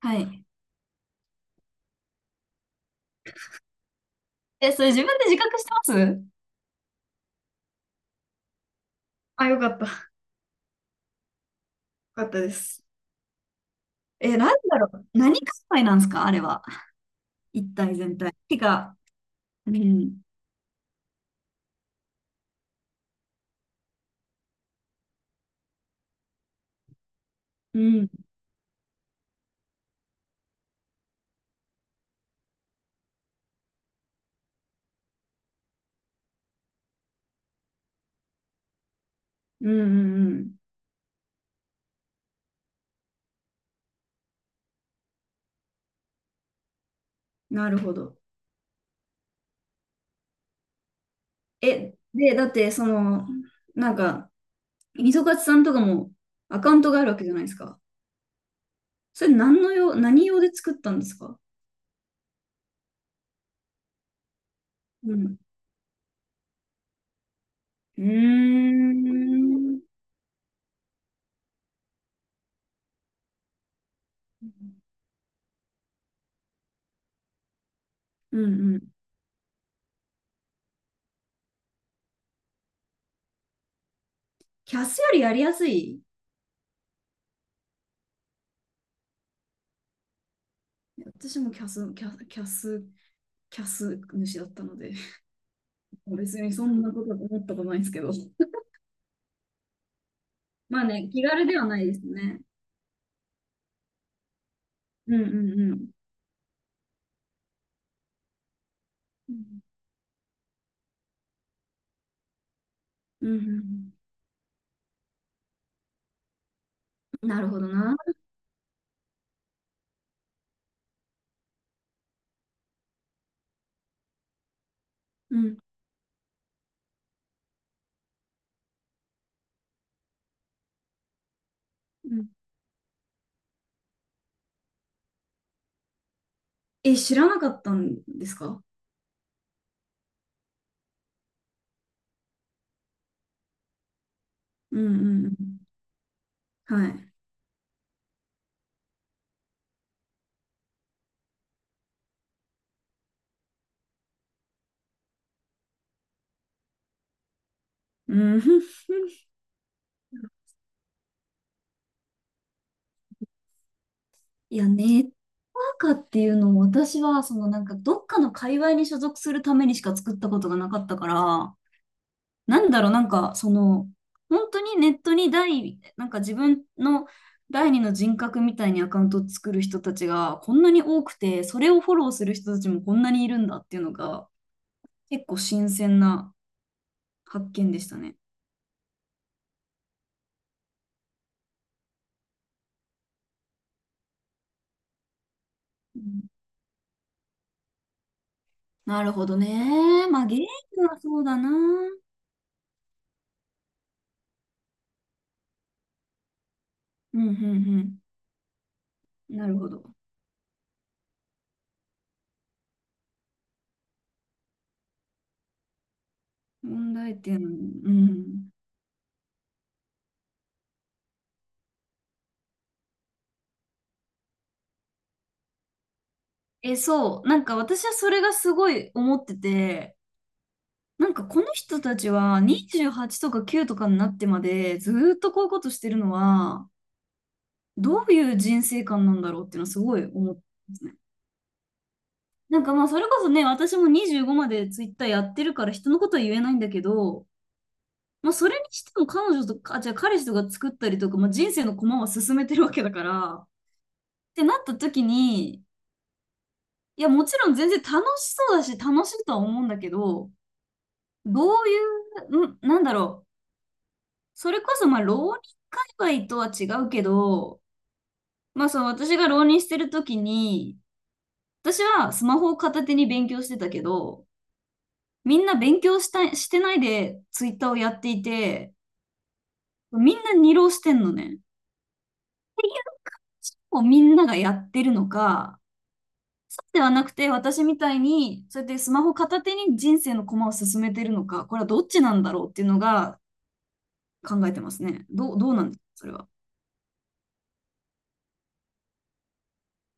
はい。え、それ自分で自覚してます？あ、よかった。よかったです。え、なんだろう。何界隈なんですかあれは。一体全体。てか、うん。うん、うん、うん、うん。なるほど。え、で、だって、その、なんか、みそかつさんとかもアカウントがあるわけじゃないですか。それ何の用、何用で作ったんですか？うん。うーん。うんうん。キャスよりやりやすい。私もキャス主だったので、別にそんなこと思ったことないんですけど。まあね、気軽ではないですね。うんうんうん。うんうんうん、なるほどな。うんうん、え、知らなかったんですか？うんうんうん。はい。うん。いや、ネットワーカーっていうのを私は、そのなんかどっかの界隈に所属するためにしか作ったことがなかったから、なんだろう、なんか、その、本当にネットに第、なんか自分の第二の人格みたいにアカウントを作る人たちがこんなに多くて、それをフォローする人たちもこんなにいるんだっていうのが、結構新鮮な発見でしたね。うん、なるほどね。まあ、ゲームはそうだな。うん、うん、うん。なるほど。問題点、うん。え、そう。なんか私はそれがすごい思ってて、なんかこの人たちは28とか9とかになってまでずーっとこういうことしてるのはどういう人生観なんだろうっていうのはすごい思ってますね。なんかまあそれこそね、私も25までツイッターやってるから人のことは言えないんだけど、まあそれにしても彼女とか、あ、じゃあ彼氏とか作ったりとか、まあ、人生の駒は進めてるわけだから、ってなった時に、いやもちろん全然楽しそうだし楽しいとは思うんだけど、どういう、ん、なんだろう。それこそ、まあ、浪人界隈とは違うけど、まあ、その私が浪人してる時に、私はスマホを片手に勉強してたけど、みんな勉強したしてないでツイッターをやっていて、みんな二浪してんのね。こうみんながやってるのか、ではなくて私みたいに、そうやってスマホ片手に人生の駒を進めてるのか、これはどっちなんだろうっていうのが考えてますね。どう、どうなんですか、それは。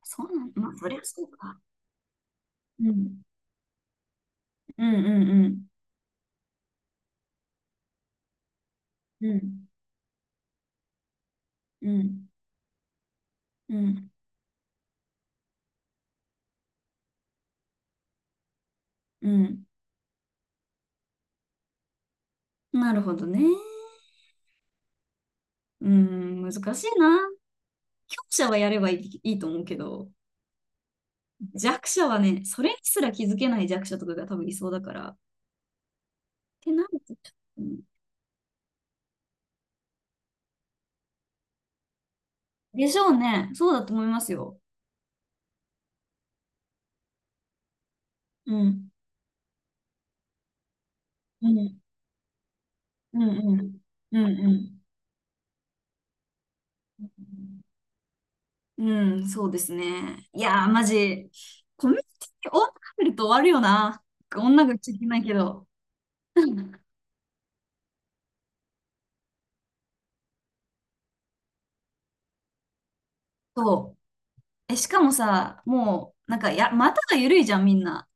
そうなん、まあ、そりゃそうか。うん。うんうんうん。うん。うん、うん、うん。なるほどね。うん、難しいな。強者はやればいい、いいと思うけど、弱者はね、それにすら気づけない弱者とかが多分いそうだから。ってなると、うん、でしょうね。そうだと思いますよ。うん、うん、うん、うん、うん、うん。うん、そうですね。いやー、マジ、コミュニティに女がいると終わるよな。女が言っちゃいけないけど。そう。え、しかもさ、もう、なんか、や、股が緩いじゃん、みんな。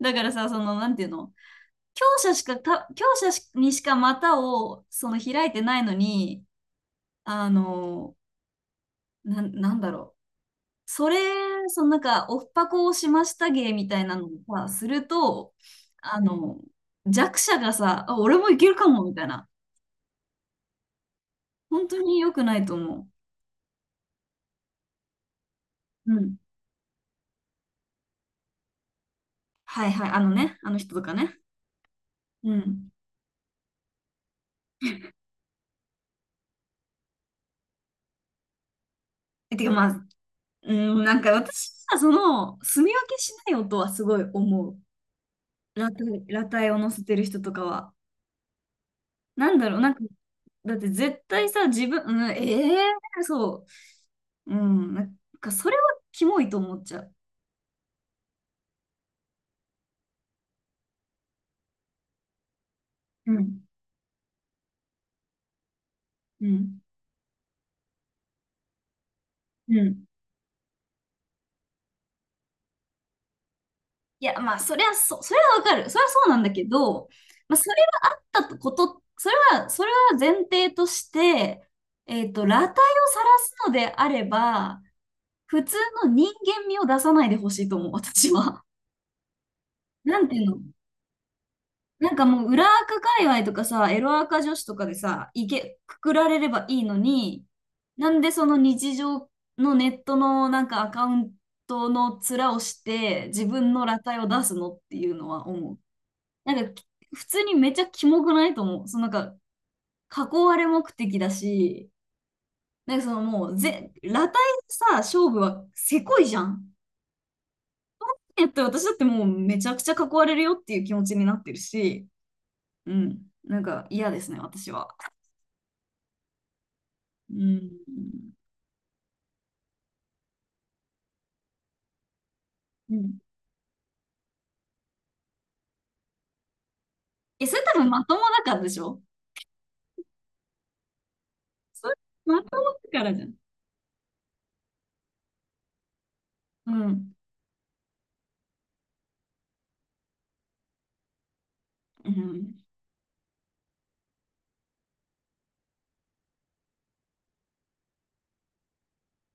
だからさ、その、なんていうの、強者しか、た、強者しにしか股を、その、開いてないのに、あの、なん、なんだろう。それ、その、なんか、オフパコをしました芸みたいなのをさ、すると、あの、弱者がさ、あ、俺もいけるかも、みたいな。本当に良くないと思う。うん。はいはい。あのね、あの人とかね。うん。えてか、まあ、うん、なんか私はその、住み分けしない音はすごい思う。裸体、裸体を乗せてる人とかは。なんだろう、なんか、だって絶対さ、自分、うん、ええそう。うん、なんかそれはキモいと思っちゃう。うん、うん、うん。いや、まあ、そりゃそう、それはわかる。それはそうなんだけど、まあ、それはあったこと、それは、それは前提として、えっと、裸体を晒すのであれば、普通の人間味を出さないでほしいと思う、私は。なんていうの、なんかもう、裏垢界隈とかさ、エロ垢女子とかでさ、いけ、くくられればいいのに、なんでその日常のネットのなんかアカウントの面をして、自分の裸体を出すのっていうのは思う。なんか、普通にめっちゃキモくないと思う。そのなんか、囲われ目的だし、なんかそのもうぜ、裸体さ、勝負はせこいじゃん。えっと、私だってもうめちゃくちゃ囲われるよっていう気持ちになってるし、うん、なんか嫌ですね、私は。うん。うん。え、それ多分まともだからでしょ？それまともだからじゃん。うん。うん。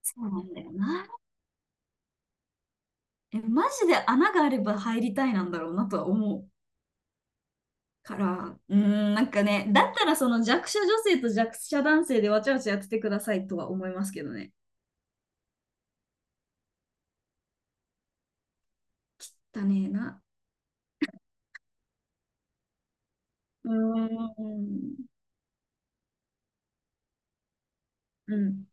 そうなんだよな。え、マジで穴があれば入りたいなんだろうなとは思うから、うーん、なんかね、だったらその弱者女性と弱者男性でわちゃわちゃやっててくださいとは思いますけどね。だねえな。うーん。うん。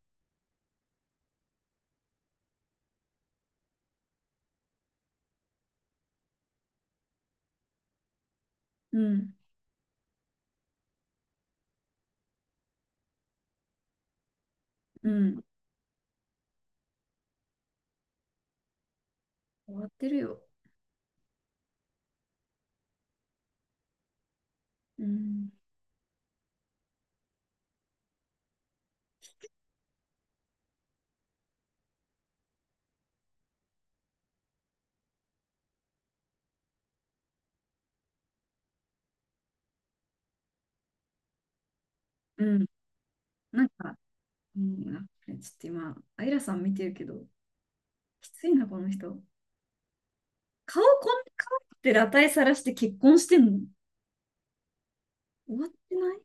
うん。うん。終わってるよ。うん。うん。なんか、うん、あこれちょっと今、アイラさん見てるけど、きついな、この人。顔こんな可愛くて裸体さらして結婚してんの終わってない